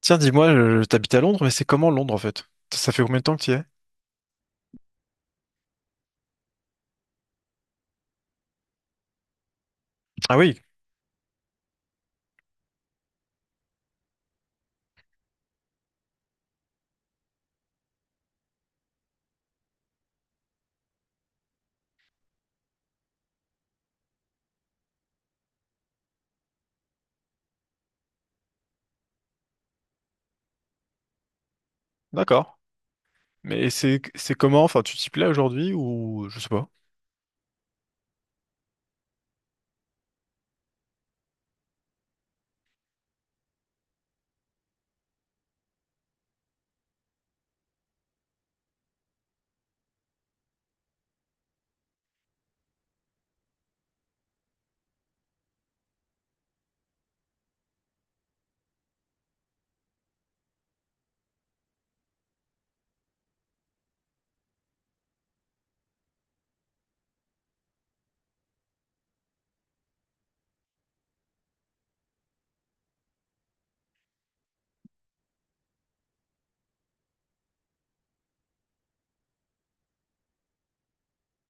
Tiens, dis-moi, t'habites à Londres, mais c'est comment Londres en fait? Ça fait combien de temps que tu y es? Ah oui, d'accord. Mais c'est comment? Enfin, tu t'y plais aujourd'hui ou je sais pas.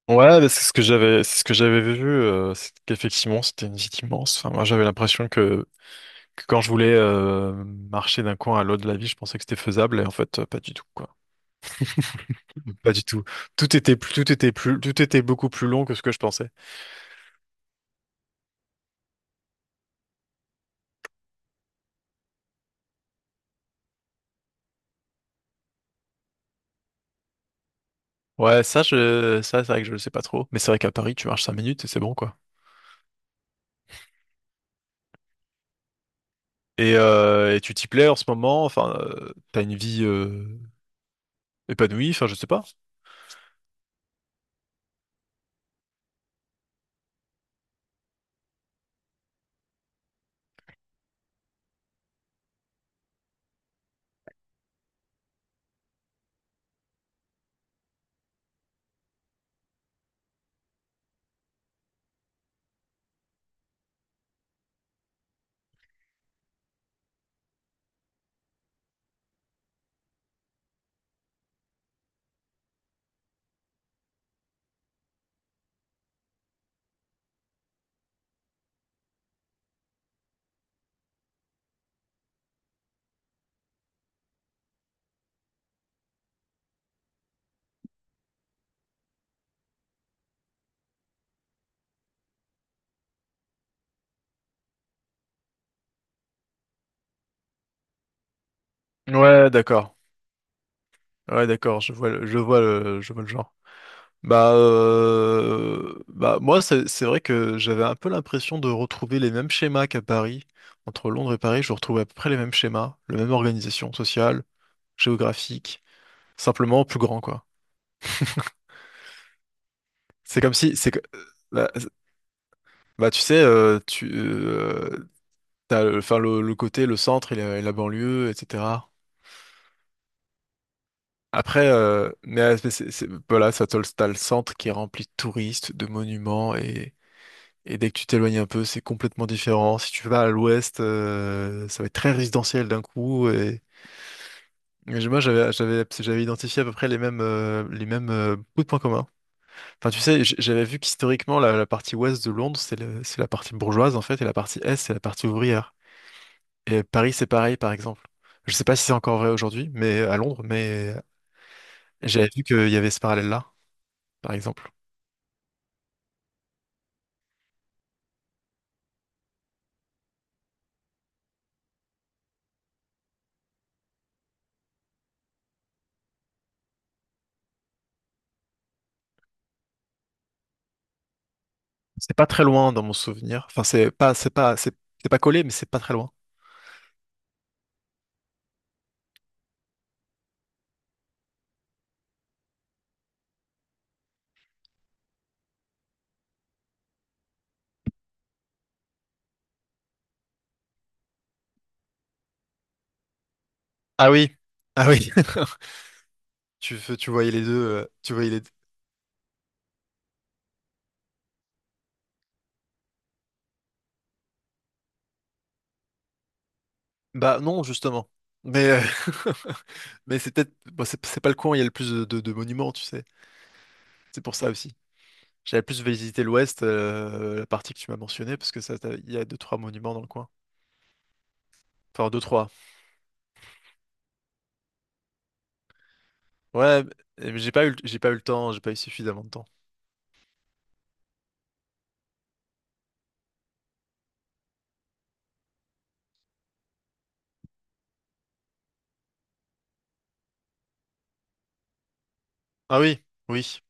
Ouais, bah, c'est ce que j'avais vu, c'est qu'effectivement c'était une ville immense. Enfin, moi j'avais que quand je voulais marcher d'un coin à l'autre de la ville, je pensais que c'était faisable et en fait pas du tout quoi. Pas du tout. Tout était beaucoup plus long que ce que je pensais. Ça c'est vrai que je le sais pas trop. Mais c'est vrai qu'à Paris tu marches 5 minutes et c'est bon quoi. Et tu t'y plais en ce moment? Enfin, t'as une vie épanouie? Enfin, je sais pas. Ouais, d'accord. Ouais, d'accord. Je vois, je vois je vois le genre. Bah moi, c'est vrai que j'avais un peu l'impression de retrouver les mêmes schémas qu'à Paris. Entre Londres et Paris, je retrouvais à peu près les mêmes schémas, la même organisation sociale, géographique, simplement plus grand, quoi. C'est comme si, c'est que, bah, Bah, tu sais, t'as, enfin, le côté, le centre et et la banlieue, etc. Après, voilà, ça t'as le centre qui est rempli de touristes, de monuments, et dès que tu t'éloignes un peu, c'est complètement différent. Si tu vas à l'ouest, ça va être très résidentiel d'un coup. Et, j'avais identifié à peu près les mêmes bouts de points communs. Enfin, tu sais, j'avais vu qu'historiquement, la partie ouest de Londres, c'est la partie bourgeoise, en fait, et la partie est, c'est la partie ouvrière. Et Paris, c'est pareil, par exemple. Je sais pas si c'est encore vrai aujourd'hui, mais à Londres, mais j'avais vu qu'il y avait ce parallèle-là. Par exemple. C'est pas très loin dans mon souvenir. Enfin, c'est pas collé, mais c'est pas très loin. Ah oui, ah oui, tu voyais les deux, tu voyais les deux. Bah non, justement. Mais, mais c'est peut-être, bon, c'est pas le coin où il y a le plus de, de monuments, tu sais. C'est pour ça aussi. J'avais plus visité l'Ouest, la partie que tu m'as mentionnée, parce que ça, il y a 2, 3 monuments dans le coin. Enfin, 2, 3. Ouais, mais j'ai pas eu, j'ai pas eu le temps, j'ai pas eu suffisamment de temps. Ah oui, oui.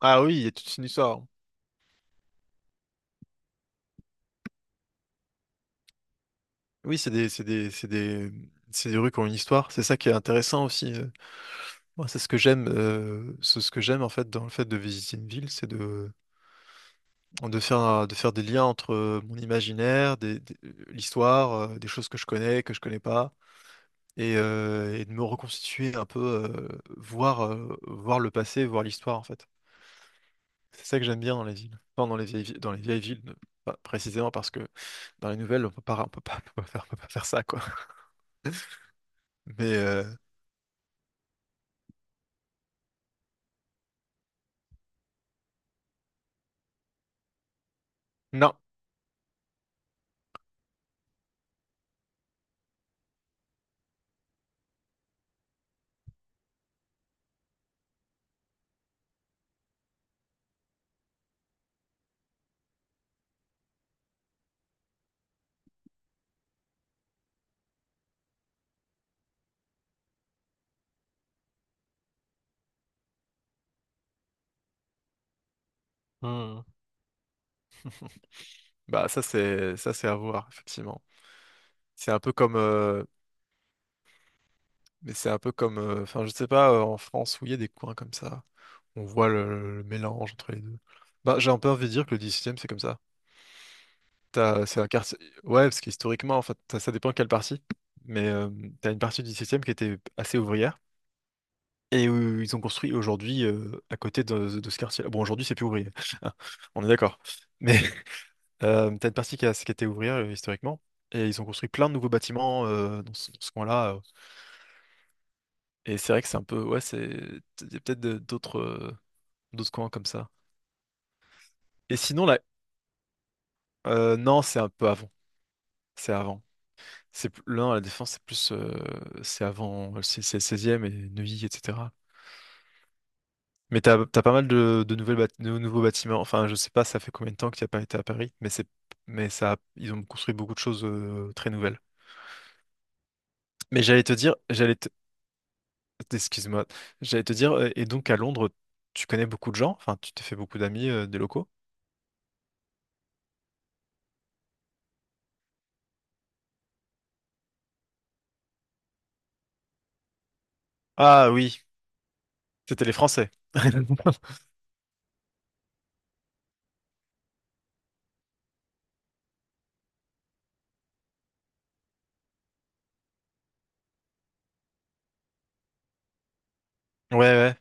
Ah oui, il y a toute une histoire. Oui, c'est des rues qui ont une histoire. C'est ça qui est intéressant aussi. Moi, c'est ce que j'aime en fait dans le fait de visiter une ville, c'est de faire des liens entre mon imaginaire, l'histoire, des choses que je connais pas, et de me reconstituer un peu, voir le passé, voir l'histoire en fait. C'est ça que j'aime bien dans les villes, enfin dans les vieilles villes, pas précisément parce que dans les nouvelles, on peut pas, on peut pas faire ça quoi. Mais non, Hmm. Ça c'est à voir effectivement. C'est un peu comme, mais c'est un peu comme, enfin, je sais pas, en France où il y a des coins comme ça, on voit le mélange entre les deux. Bah, j'ai un peu envie de dire que le 18e, c'est comme ça. T'as, c'est un quartier. Ouais, parce qu'historiquement, en fait, ça dépend quelle partie. Mais t'as une partie du 17e qui était assez ouvrière et où ils ont construit aujourd'hui à côté de ce quartier. Bon, aujourd'hui, c'est plus ouvrier. Hein, on est d'accord. Mais t'as une partie qui était ouvrière historiquement et ils ont construit plein de nouveaux bâtiments dans ce coin-là. Et c'est vrai que c'est un peu, ouais, c'est, il y a peut-être d'autres. 12 coins comme ça. Et sinon, là, non, c'est un peu avant. C'est avant. Non, la défense, c'est avant, c'est le 16 et Neuilly, etc. Mais t'as pas mal de de nouveaux bâtiments. Enfin, je sais pas, ça fait combien de temps qu'il n'y a pas été à Paris, mais c'est, mais ça, ils ont construit beaucoup de choses très nouvelles. Mais j'allais te dire, j'allais te, excuse-moi, j'allais te dire, et donc à Londres, tu connais beaucoup de gens, enfin, tu t'es fait beaucoup d'amis, des locaux. Ah oui, c'était les Français. Ouais, ouais.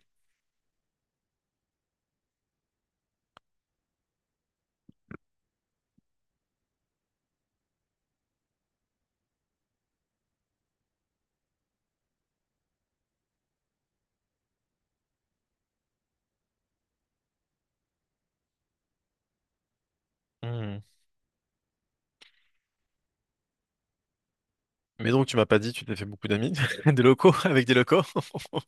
Hmm. Mais donc, tu m'as pas dit, tu t'es fait beaucoup d'amis, des locaux, avec des locaux.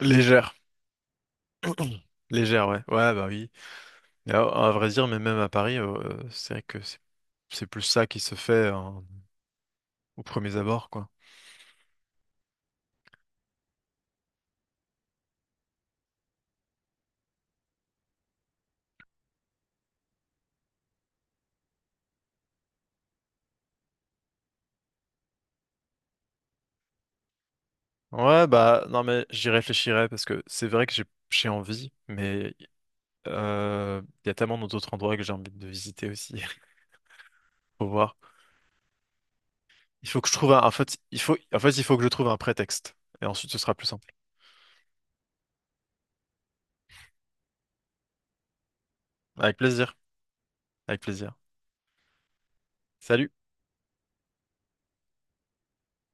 Légère. Légère, ouais. Ouais, bah oui. Mais à vrai dire, mais même à Paris, c'est vrai que c'est plus ça qui se fait aux premiers abords, quoi. Ouais, bah non, mais j'y réfléchirai parce que c'est vrai que j'ai envie, mais il y a tellement d'autres endroits que j'ai envie de visiter aussi. Faut voir. Il faut que je trouve un... En fait, il faut... en fait, il faut que je trouve un prétexte. Et ensuite, ce sera plus simple. Avec plaisir. Avec plaisir. Salut.